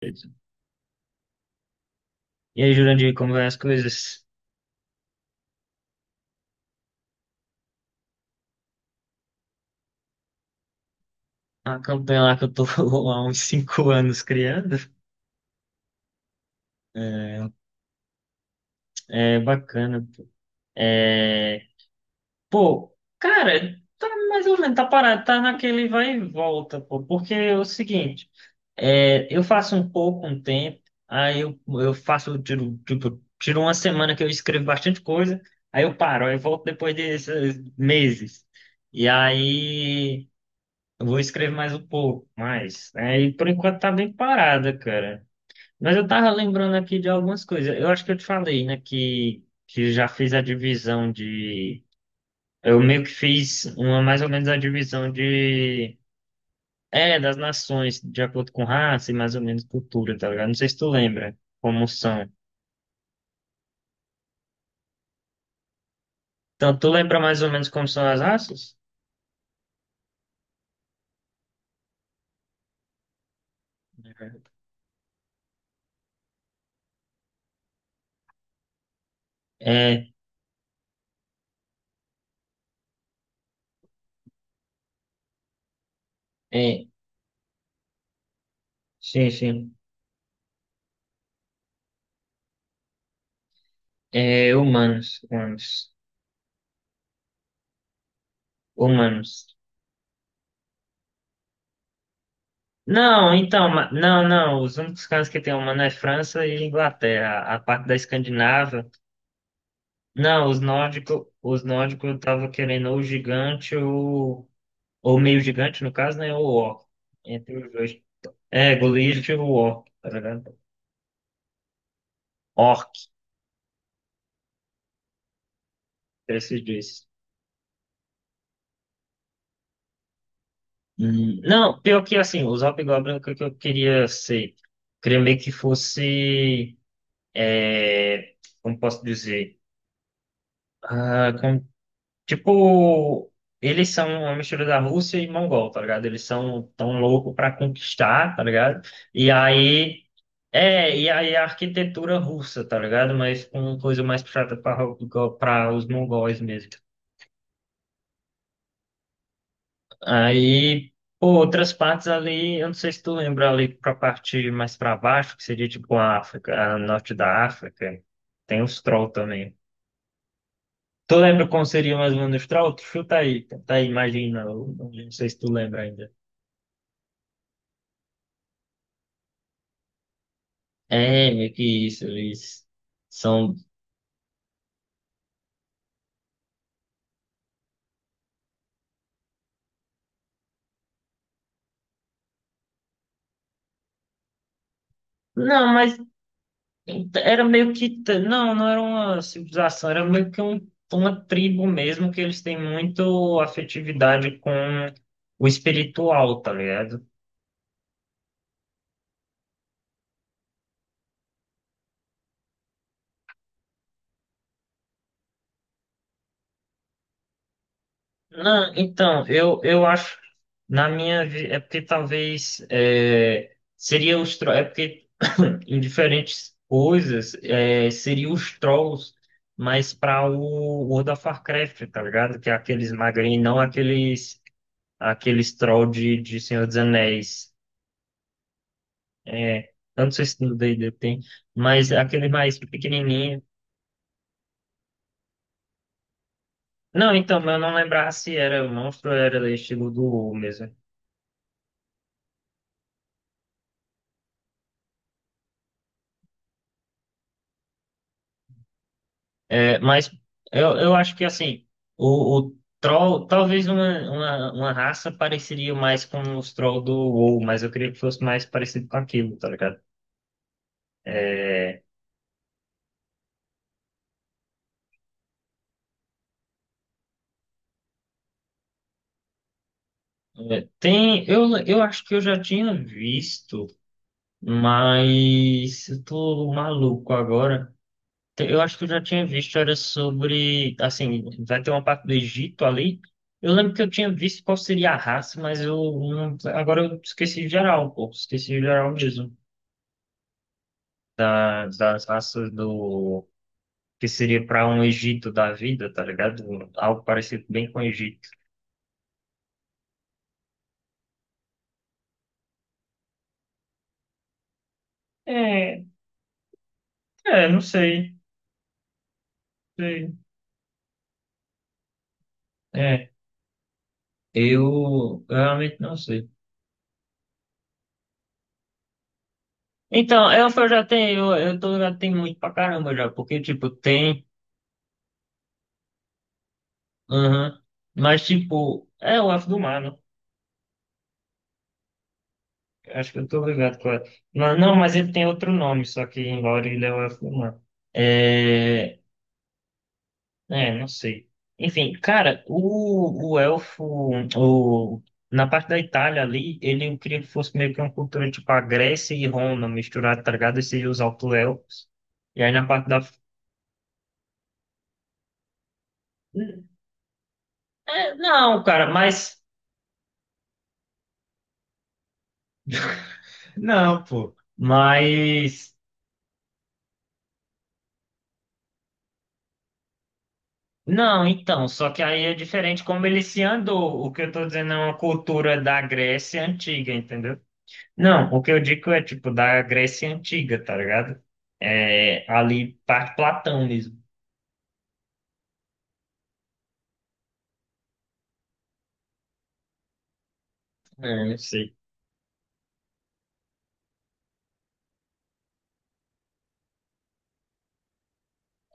E aí, Jurandir, como vai as coisas? A campanha lá que eu tô há uns 5 anos criando é, é bacana. Pô. É, pô, cara, tá mais ou menos, tá parado, tá naquele vai e volta, pô. Porque é o seguinte, eu faço um pouco um tempo, aí eu faço, tiro, tipo, tiro uma semana que eu escrevo bastante coisa, aí eu paro, aí eu volto depois desses meses. E aí, eu vou escrever mais um pouco, mais. Aí por enquanto tá bem parada, cara. Mas eu tava lembrando aqui de algumas coisas. Eu acho que eu te falei, né, que já fiz a divisão de. Eu meio que fiz uma mais ou menos a divisão de. É, das nações, de acordo com raça e mais ou menos cultura, tá ligado? Não sei se tu lembra como são. Então, tu lembra mais ou menos como são as raças? É, é, sim, sim. É, humanos, humanos, humanos. Não, então, não, não. Os únicos cantos que tem humano é França e Inglaterra. A parte da Escandinávia. Não, os nórdicos eu tava querendo ou gigante ou meio gigante, no caso, né? Ou orc. Entre os dois. É, Goliath e o orc, tá ligado? Orc, esses dois. Não, pior que assim, os hobgoblins é o que que eu queria ser. Queria meio que fosse. É, como posso dizer? Ah, Tipo, eles são uma mistura da Rússia e Mongol, tá ligado? Eles são tão loucos pra conquistar, tá ligado? E aí. É, e aí a arquitetura russa, tá ligado? Mas com uma coisa mais puxada para os mongóis mesmo. Aí, pô, outras partes ali, eu não sei se tu lembra ali pra parte mais pra baixo, que seria tipo a África, a norte da África, tem os troll também. Tu lembra como seria mais ou menos os troll? Chuta aí, tá aí, imagina, eu não sei se tu lembra ainda. É, meio que isso, eles são. Não, mas era meio que. Não, não era uma civilização, era meio que uma tribo mesmo, que eles têm muito afetividade com o espiritual, tá ligado? Não, então, eu acho, na minha, é porque talvez seria os trolls, é porque em diferentes coisas seria os trolls, mas para o World of Warcraft, tá ligado? Que é aqueles magrinhos, não aqueles trolls de Senhor dos Anéis. É, eu não sei se no D&D tem, mas é aquele mais pequenininho. Não, então, mas eu não lembrava se era monstro ou era estilo do WoW mesmo. É, mas eu acho que assim, o troll, talvez uma raça pareceria mais com os trolls do WoW, mas eu queria que fosse mais parecido com aquilo, tá ligado? É, é, tem, eu acho que eu já tinha visto, mas eu tô maluco agora. Eu acho que eu já tinha visto, era sobre, assim, vai ter uma parte do Egito ali. Eu lembro que eu tinha visto qual seria a raça, mas eu não- agora eu esqueci geral, pô, esqueci geral mesmo. Das raças do que seria para um Egito da vida, tá ligado? Algo parecido bem com o Egito. É, é, não sei, não sei. É, eu realmente não sei. Então, eu já tenho, eu tô, já tenho muito pra caramba já, porque, tipo, tem, aham, mas, tipo, é o elfo do mar, né? Acho que eu tô ligado com ela. Não, não, mas ele tem outro nome, só que em Lore ele é o elfo do mar. É, É, não sei. Enfim, cara, o elfo, o, na parte da Itália ali, ele eu queria que fosse meio que uma cultura tipo a Grécia e Roma misturada, tá ligado? E seria os auto-elfos. E aí na parte da. Hum, É, não, cara, mas. Não, pô. Mas. Não, então, só que aí é diferente como ele se andou. O que eu tô dizendo é uma cultura da Grécia antiga, entendeu? Não, o que eu digo é tipo da Grécia Antiga, tá ligado? É, ali parte Platão mesmo. É, eu sei.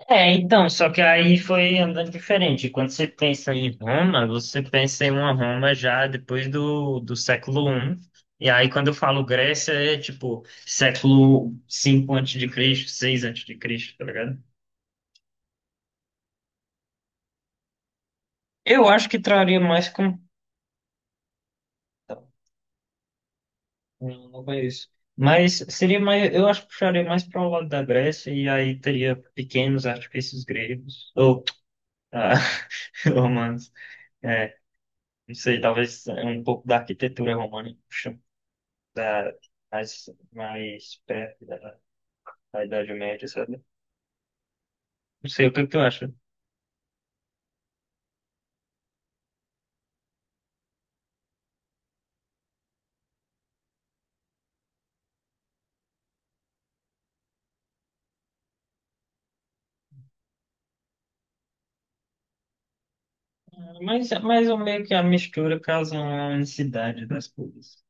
É, então, só que aí foi andando diferente. Quando você pensa em Roma, você pensa em uma Roma já depois do século I. E aí, quando eu falo Grécia, é tipo século cinco antes de Cristo, 6 antes de Cristo, tá ligado? Eu acho que traria mais com. Não, não conheço. Mas seria mais, eu acho que puxaria mais para o lado da Grécia e aí teria pequenos artifícios gregos ou ah, romanos. É, não sei, talvez um pouco da arquitetura romana, puxa, da, mais, mais perto da Idade Média, sabe? Não sei o que tu acha. Mas, mais ou meio que a mistura causa uma unicidade das coisas.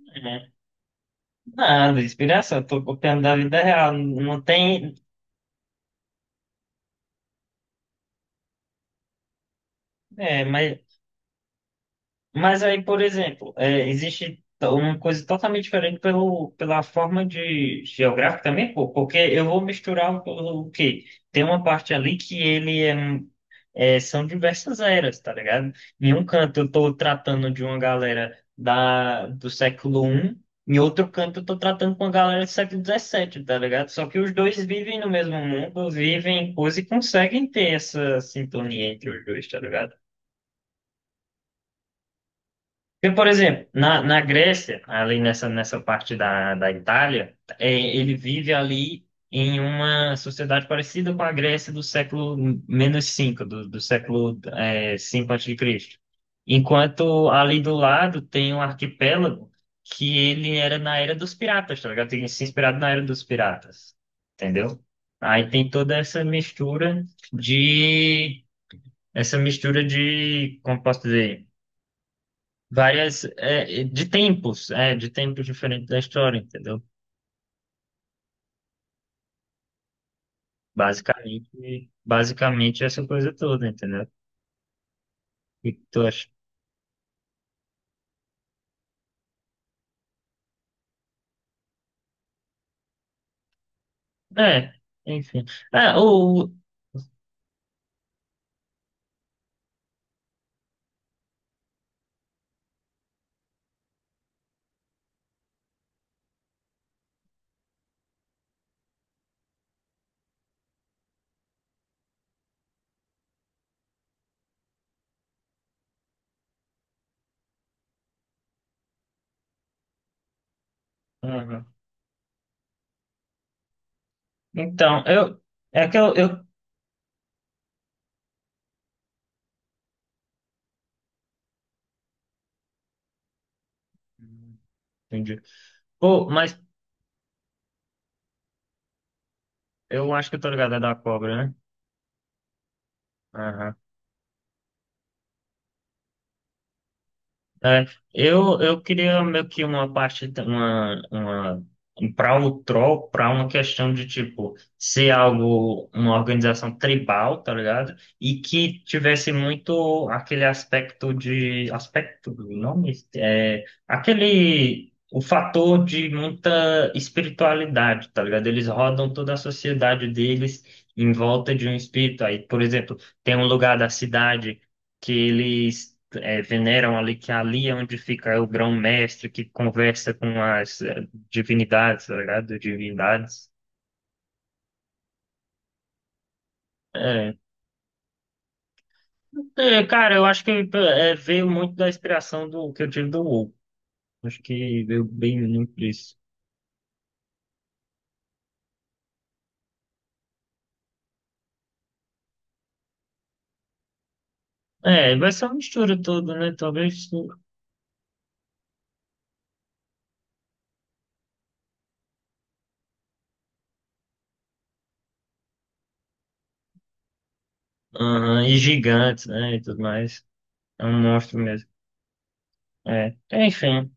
É. Nada, inspiração, tô copiando da vida real. Não tem. É, mas aí, por exemplo, existe uma coisa totalmente diferente pela forma de geográfica também, pô, porque eu vou misturar o quê? Tem uma parte ali que ele são diversas eras, tá ligado? Em um canto eu tô tratando de uma galera do século I, em outro canto eu tô tratando com uma galera do século XVII tá ligado? Só que os dois vivem no mesmo mundo, vivem em coisa e conseguem ter essa sintonia entre os dois, tá ligado? Porque, por exemplo, na Grécia, ali nessa parte da Itália, ele vive ali em uma sociedade parecida com a Grécia do século menos 5 do século V antes de Cristo. Enquanto ali do lado tem um arquipélago que ele era na era dos piratas, tá ligado? Tem se inspirado na era dos piratas, entendeu? Aí tem toda essa mistura de. Essa mistura de, como posso dizer, várias de tempos diferentes da história, entendeu? Basicamente essa coisa toda, entendeu? O que que tu acha? É, enfim. Ah, o o- Aham. Então, eu é que eu entendi. Pô, mas eu acho que eu tô ligado é da cobra, né? Aham. É, eu queria meio que uma parte, para o troll, para uma questão de tipo, ser algo, uma organização tribal, tá ligado? E que tivesse muito aquele aspecto do nome, aquele, o fator de muita espiritualidade, tá ligado? Eles rodam toda a sociedade deles em volta de um espírito. Aí, por exemplo, tem um lugar da cidade que eles veneram ali, que ali é onde fica o grão-mestre que conversa com as divinidades, tá ligado? Divindades. É. É, cara, eu acho que veio muito da inspiração do que eu tive do WoW. Acho que veio bem muito disso. É, vai ser uma mistura toda, né? Talvez. Aham, e gigantes, né? E tudo mais. É um monstro mesmo. É. Enfim.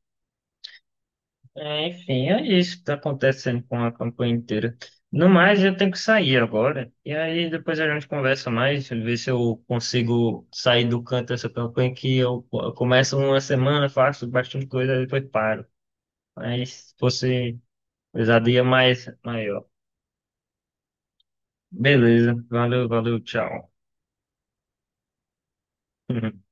É, enfim, é isso que tá acontecendo com a campanha inteira. No mais, eu tenho que sair agora. E aí depois a gente conversa mais, ver se eu consigo sair do canto dessa campanha que eu começo uma semana, faço bastante coisa, depois paro. Mas se fosse ousadia mais maior. Beleza, valeu, valeu, tchau.